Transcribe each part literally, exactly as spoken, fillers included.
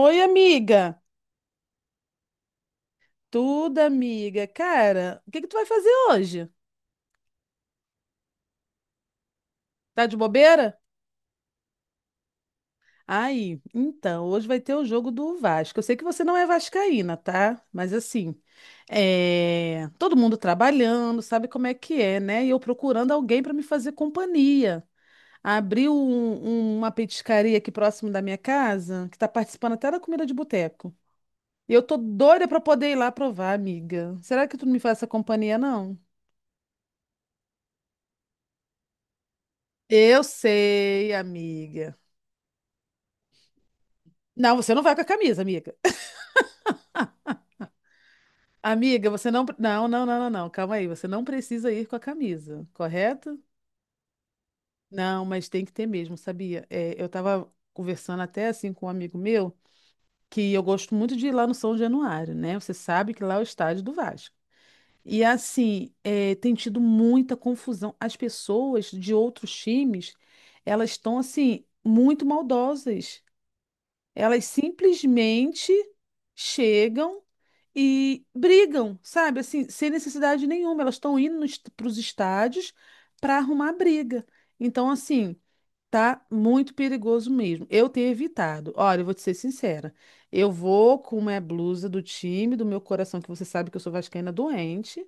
Oi, amiga. Tudo, amiga. Cara, o que que tu vai fazer hoje? Tá de bobeira? Aí, então, hoje vai ter o jogo do Vasco. Eu sei que você não é vascaína, tá? Mas assim, é... todo mundo trabalhando, sabe como é que é, né? E eu procurando alguém para me fazer companhia. Abriu um- um- uma petiscaria aqui próximo da minha casa, que tá participando até da comida de boteco. E eu tô doida para poder ir lá provar, amiga. Será que tu não me faz essa companhia, não? Eu sei, amiga. Não, você não vai com a camisa, amiga. Amiga, você não. Não, não, não, não, não. Calma aí. Você não precisa ir com a camisa, correto? Não, mas tem que ter mesmo, sabia? É, eu estava conversando até assim com um amigo meu que eu gosto muito de ir lá no São Januário, né? Você sabe que lá é o estádio do Vasco. E assim, é, tem tido muita confusão. As pessoas de outros times, elas estão assim, muito maldosas. Elas simplesmente chegam e brigam, sabe? Assim, sem necessidade nenhuma. Elas estão indo para os estádios para arrumar briga. Então, assim, tá muito perigoso mesmo. Eu tenho evitado. Olha, eu vou te ser sincera. Eu vou com uma blusa do time, do meu coração, que você sabe que eu sou vascaína doente,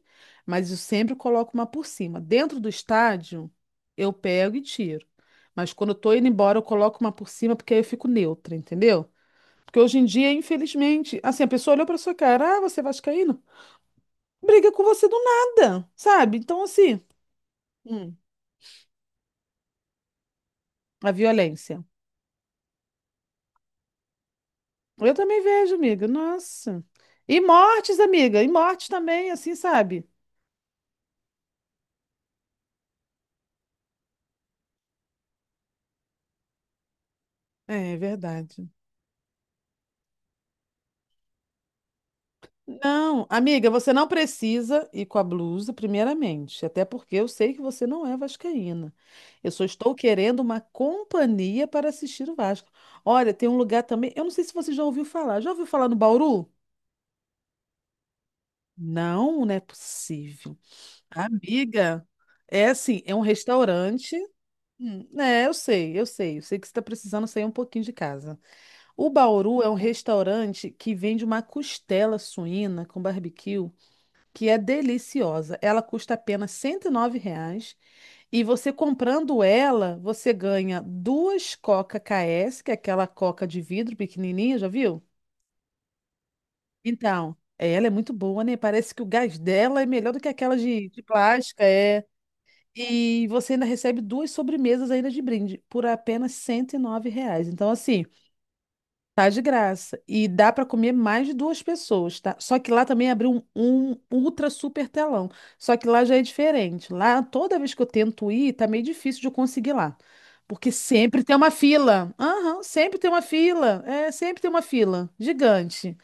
mas eu sempre coloco uma por cima. Dentro do estádio, eu pego e tiro. Mas quando eu tô indo embora, eu coloco uma por cima, porque aí eu fico neutra, entendeu? Porque hoje em dia, infelizmente, assim, a pessoa olhou pra sua cara, ah, você é vascaíno? Briga com você do nada, sabe? Então, assim, hum, a violência. Eu também vejo, amiga. Nossa. E mortes, amiga, e mortes também, assim, sabe? É, é verdade. Não, amiga, você não precisa ir com a blusa, primeiramente, até porque eu sei que você não é vascaína. Eu só estou querendo uma companhia para assistir o Vasco. Olha, tem um lugar também, eu não sei se você já ouviu falar. Já ouviu falar no Bauru? Não, não é possível. Amiga, é assim, é um restaurante. Hum, É, eu sei, eu sei. Eu sei que você está precisando sair um pouquinho de casa. O Bauru é um restaurante que vende uma costela suína com barbecue, que é deliciosa. Ela custa apenas R$ nove reais. E você comprando ela, você ganha duas Coca K S, que é aquela coca de vidro pequenininha, já viu? Então, é, ela é muito boa, né? Parece que o gás dela é melhor do que aquela de, de plástica, é. E você ainda recebe duas sobremesas ainda de brinde por apenas cento e nove reais. Então, assim, tá de graça. E dá para comer mais de duas pessoas, tá? Só que lá também abriu um, um ultra super telão. Só que lá já é diferente. Lá, toda vez que eu tento ir, tá meio difícil de eu conseguir lá. Porque sempre tem uma fila. Aham, sempre tem uma fila. É, sempre tem uma fila. Gigante.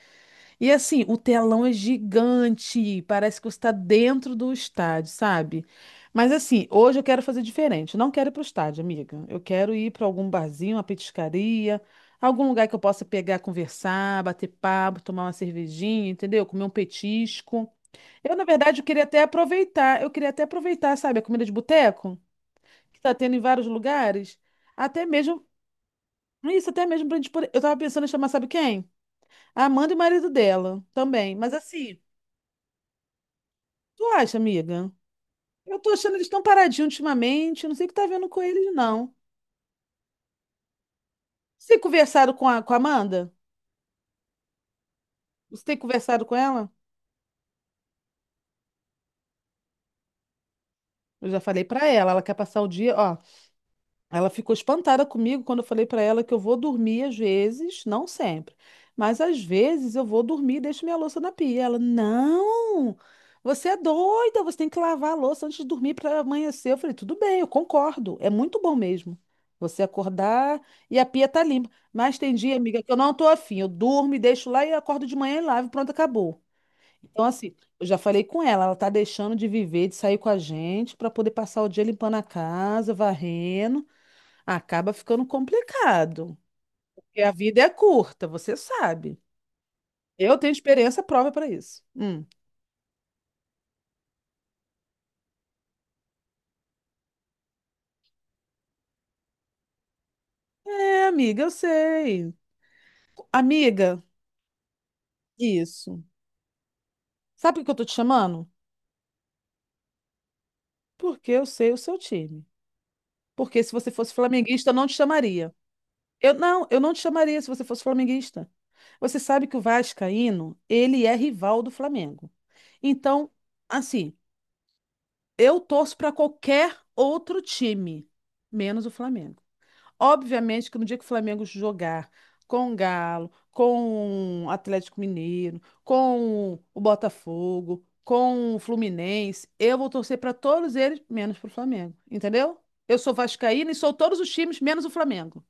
E assim, o telão é gigante, parece que você está dentro do estádio, sabe? Mas assim, hoje eu quero fazer diferente. eu Não quero ir para o estádio, amiga. Eu quero ir para algum barzinho, uma petiscaria, algum lugar que eu possa pegar, conversar, bater papo, tomar uma cervejinha, entendeu? Comer um petisco. Eu, na verdade, eu queria até aproveitar, eu queria até aproveitar, sabe, a comida de boteco que está tendo em vários lugares, até mesmo isso, até mesmo para gente poder... Eu tava pensando em chamar, sabe quem? A Amanda e o marido dela também. Mas assim, tu acha, amiga? Eu tô achando que eles estão paradinhos ultimamente. eu Não sei o que tá vendo com eles, não. Você tem conversado com a, com a Amanda? Você tem conversado com ela? Eu já falei pra ela. Ela quer passar o dia. Ó, ela ficou espantada comigo quando eu falei para ela que eu vou dormir às vezes, não sempre, mas às vezes eu vou dormir e deixo minha louça na pia. Ela, não, você é doida, você tem que lavar a louça antes de dormir para amanhecer. Eu falei, tudo bem, eu concordo, é muito bom mesmo. Você acordar e a pia tá limpa. Mas tem dia, amiga, que eu não tô afim. Eu durmo e deixo lá e acordo de manhã e lavo, e pronto, acabou. Então, assim, eu já falei com ela, ela tá deixando de viver, de sair com a gente para poder passar o dia limpando a casa, varrendo. Acaba ficando complicado. Porque a vida é curta, você sabe. Eu tenho experiência prova para isso. Hum. É, amiga, eu sei. Amiga, isso. Sabe por que eu tô te chamando? Porque eu sei o seu time. Porque se você fosse flamenguista, eu não te chamaria. Eu não, eu não te chamaria se você fosse flamenguista. Você sabe que o Vascaíno, ele é rival do Flamengo. Então, assim, eu torço para qualquer outro time, menos o Flamengo. Obviamente que no dia que o Flamengo jogar com o Galo, com o Atlético Mineiro, com o Botafogo, com o Fluminense, eu vou torcer para todos eles, menos para o Flamengo. Entendeu? Eu sou vascaína e sou todos os times, menos o Flamengo.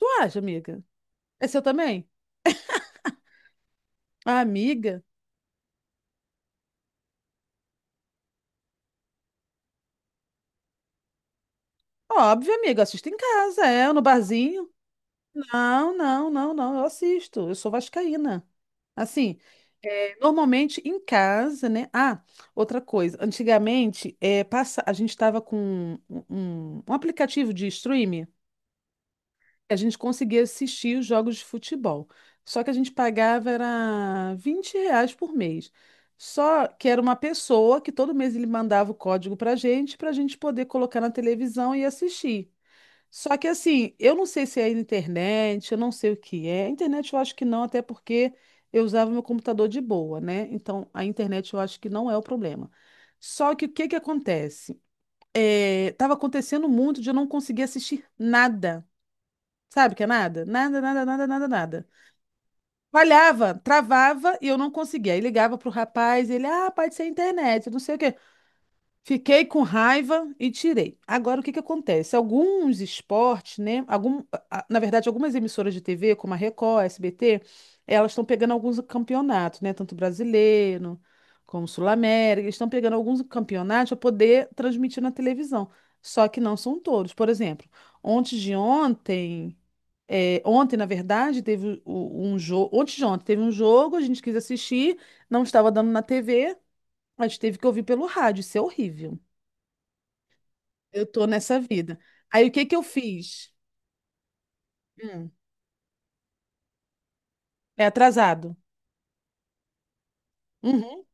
Tu acha, amiga? É seu também? Ah, amiga? Óbvio, amiga, eu assisto em casa, é, no barzinho. Não, não, não, não, eu assisto. Eu sou vascaína. Assim, normalmente em casa, né? Ah, outra coisa. Antigamente, é, passa, a gente estava com um, um- um aplicativo de streaming, a gente conseguia assistir os jogos de futebol. Só que a gente pagava era vinte reais por mês. Só que era uma pessoa que todo mês ele mandava o código para a gente, para a gente poder colocar na televisão e assistir. Só que assim, eu não sei se é internet, eu não sei o que é. A internet eu acho que não, até porque eu usava meu computador de boa, né? Então a internet eu acho que não é o problema. Só que o que que acontece? É, tava acontecendo muito de eu não conseguir assistir nada. Sabe o que é nada? Nada, nada, nada, nada, nada. Falhava, travava e eu não conseguia. Aí ligava pro rapaz, ele, ah, pode ser a internet, não sei o quê. Fiquei com raiva e tirei. Agora, o que que acontece? Alguns esportes, né? Algum, a- na verdade, algumas emissoras de T V, como a Record, a S B T, elas estão pegando alguns campeonatos, né? Tanto brasileiro como Sul-América, eles estão pegando alguns campeonatos para poder transmitir na televisão. Só que não são todos. Por exemplo, ontem de ontem, é, ontem, na verdade, teve o- um jogo. Ontem de ontem teve um jogo, a gente quis assistir, não estava dando na T V, a gente teve que ouvir pelo rádio. Isso é horrível. Eu tô nessa vida. Aí o que que eu fiz? Hum, é atrasado. Uhum.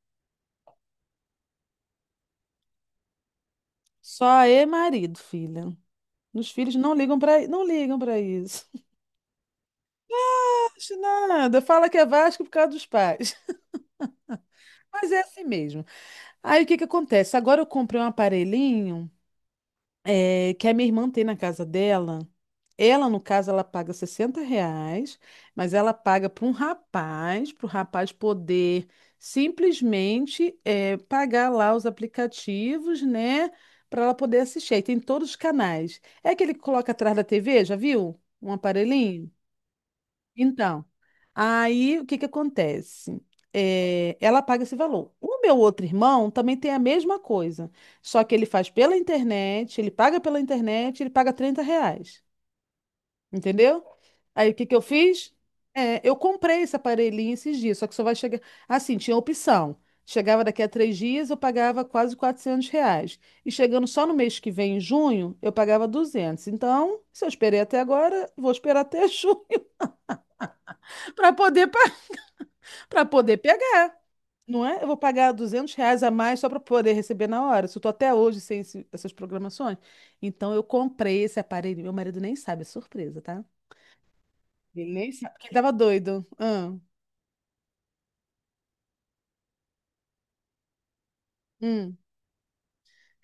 Só é marido, filha. Os filhos não ligam para não ligam para isso. Acho nada. Fala que é Vasco por causa dos pais. Mas é assim mesmo. Aí o que que acontece? Agora eu comprei um aparelhinho eh, que a minha irmã tem na casa dela. Ela, no caso, ela paga sessenta reais, mas ela paga para um rapaz, para o rapaz poder simplesmente eh, pagar lá os aplicativos, né? Para ela poder assistir. Aí tem todos os canais. É aquele que coloca atrás da T V, já viu? Um aparelhinho? Então, aí o que que acontece? É, ela paga esse valor. O meu outro irmão também tem a mesma coisa, só que ele faz pela internet, ele paga pela internet, ele paga trinta reais, entendeu? Aí o que que eu fiz? É, eu comprei esse aparelhinho esses dias, só que só vai chegar. Assim, tinha opção. Chegava daqui a três dias, eu pagava quase quatrocentos reais. E chegando só no mês que vem, em junho, eu pagava duzentos. Então, se eu esperei até agora, vou esperar até junho para poder para poder pegar, não é? Eu vou pagar duzentos reais a mais só para poder receber na hora. Se eu tô até hoje sem esse- essas programações. Então eu comprei esse aparelho. Meu marido nem sabe, é surpresa, tá? Ele sabe, porque ele tava doido. Ah, hum.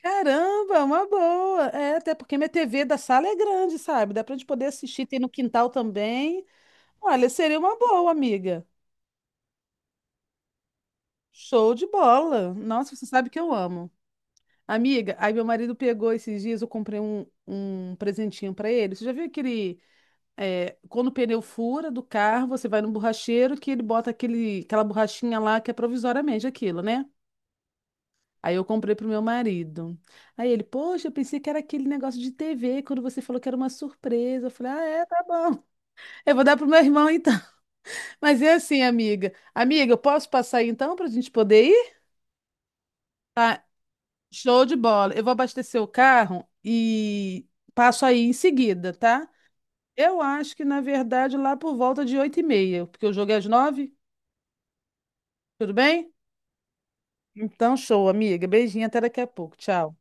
Caramba, uma boa. É, até porque minha T V da sala é grande, sabe? Dá pra gente poder assistir, tem no quintal também. Olha, seria uma boa, amiga. Show de bola. Nossa, você sabe que eu amo. Amiga, aí meu marido pegou esses dias, eu comprei um, um presentinho pra ele. Você já viu aquele, quando o pneu fura do carro, você vai no borracheiro que ele bota aquele, aquela borrachinha lá que é provisoriamente aquilo, né? Aí eu comprei pro meu marido. Aí ele, poxa, eu pensei que era aquele negócio de T V, quando você falou que era uma surpresa. Eu falei, ah, é, tá bom. Eu vou dar pro meu irmão então. Mas é assim, amiga. Amiga, eu posso passar aí então pra gente poder ir? Tá, show de bola. Eu vou abastecer o carro e passo aí em seguida, tá? Eu acho que, na verdade, lá por volta de oito e meia, porque o jogo é às nove, tudo bem? Então, show, amiga. Beijinho, até daqui a pouco. Tchau.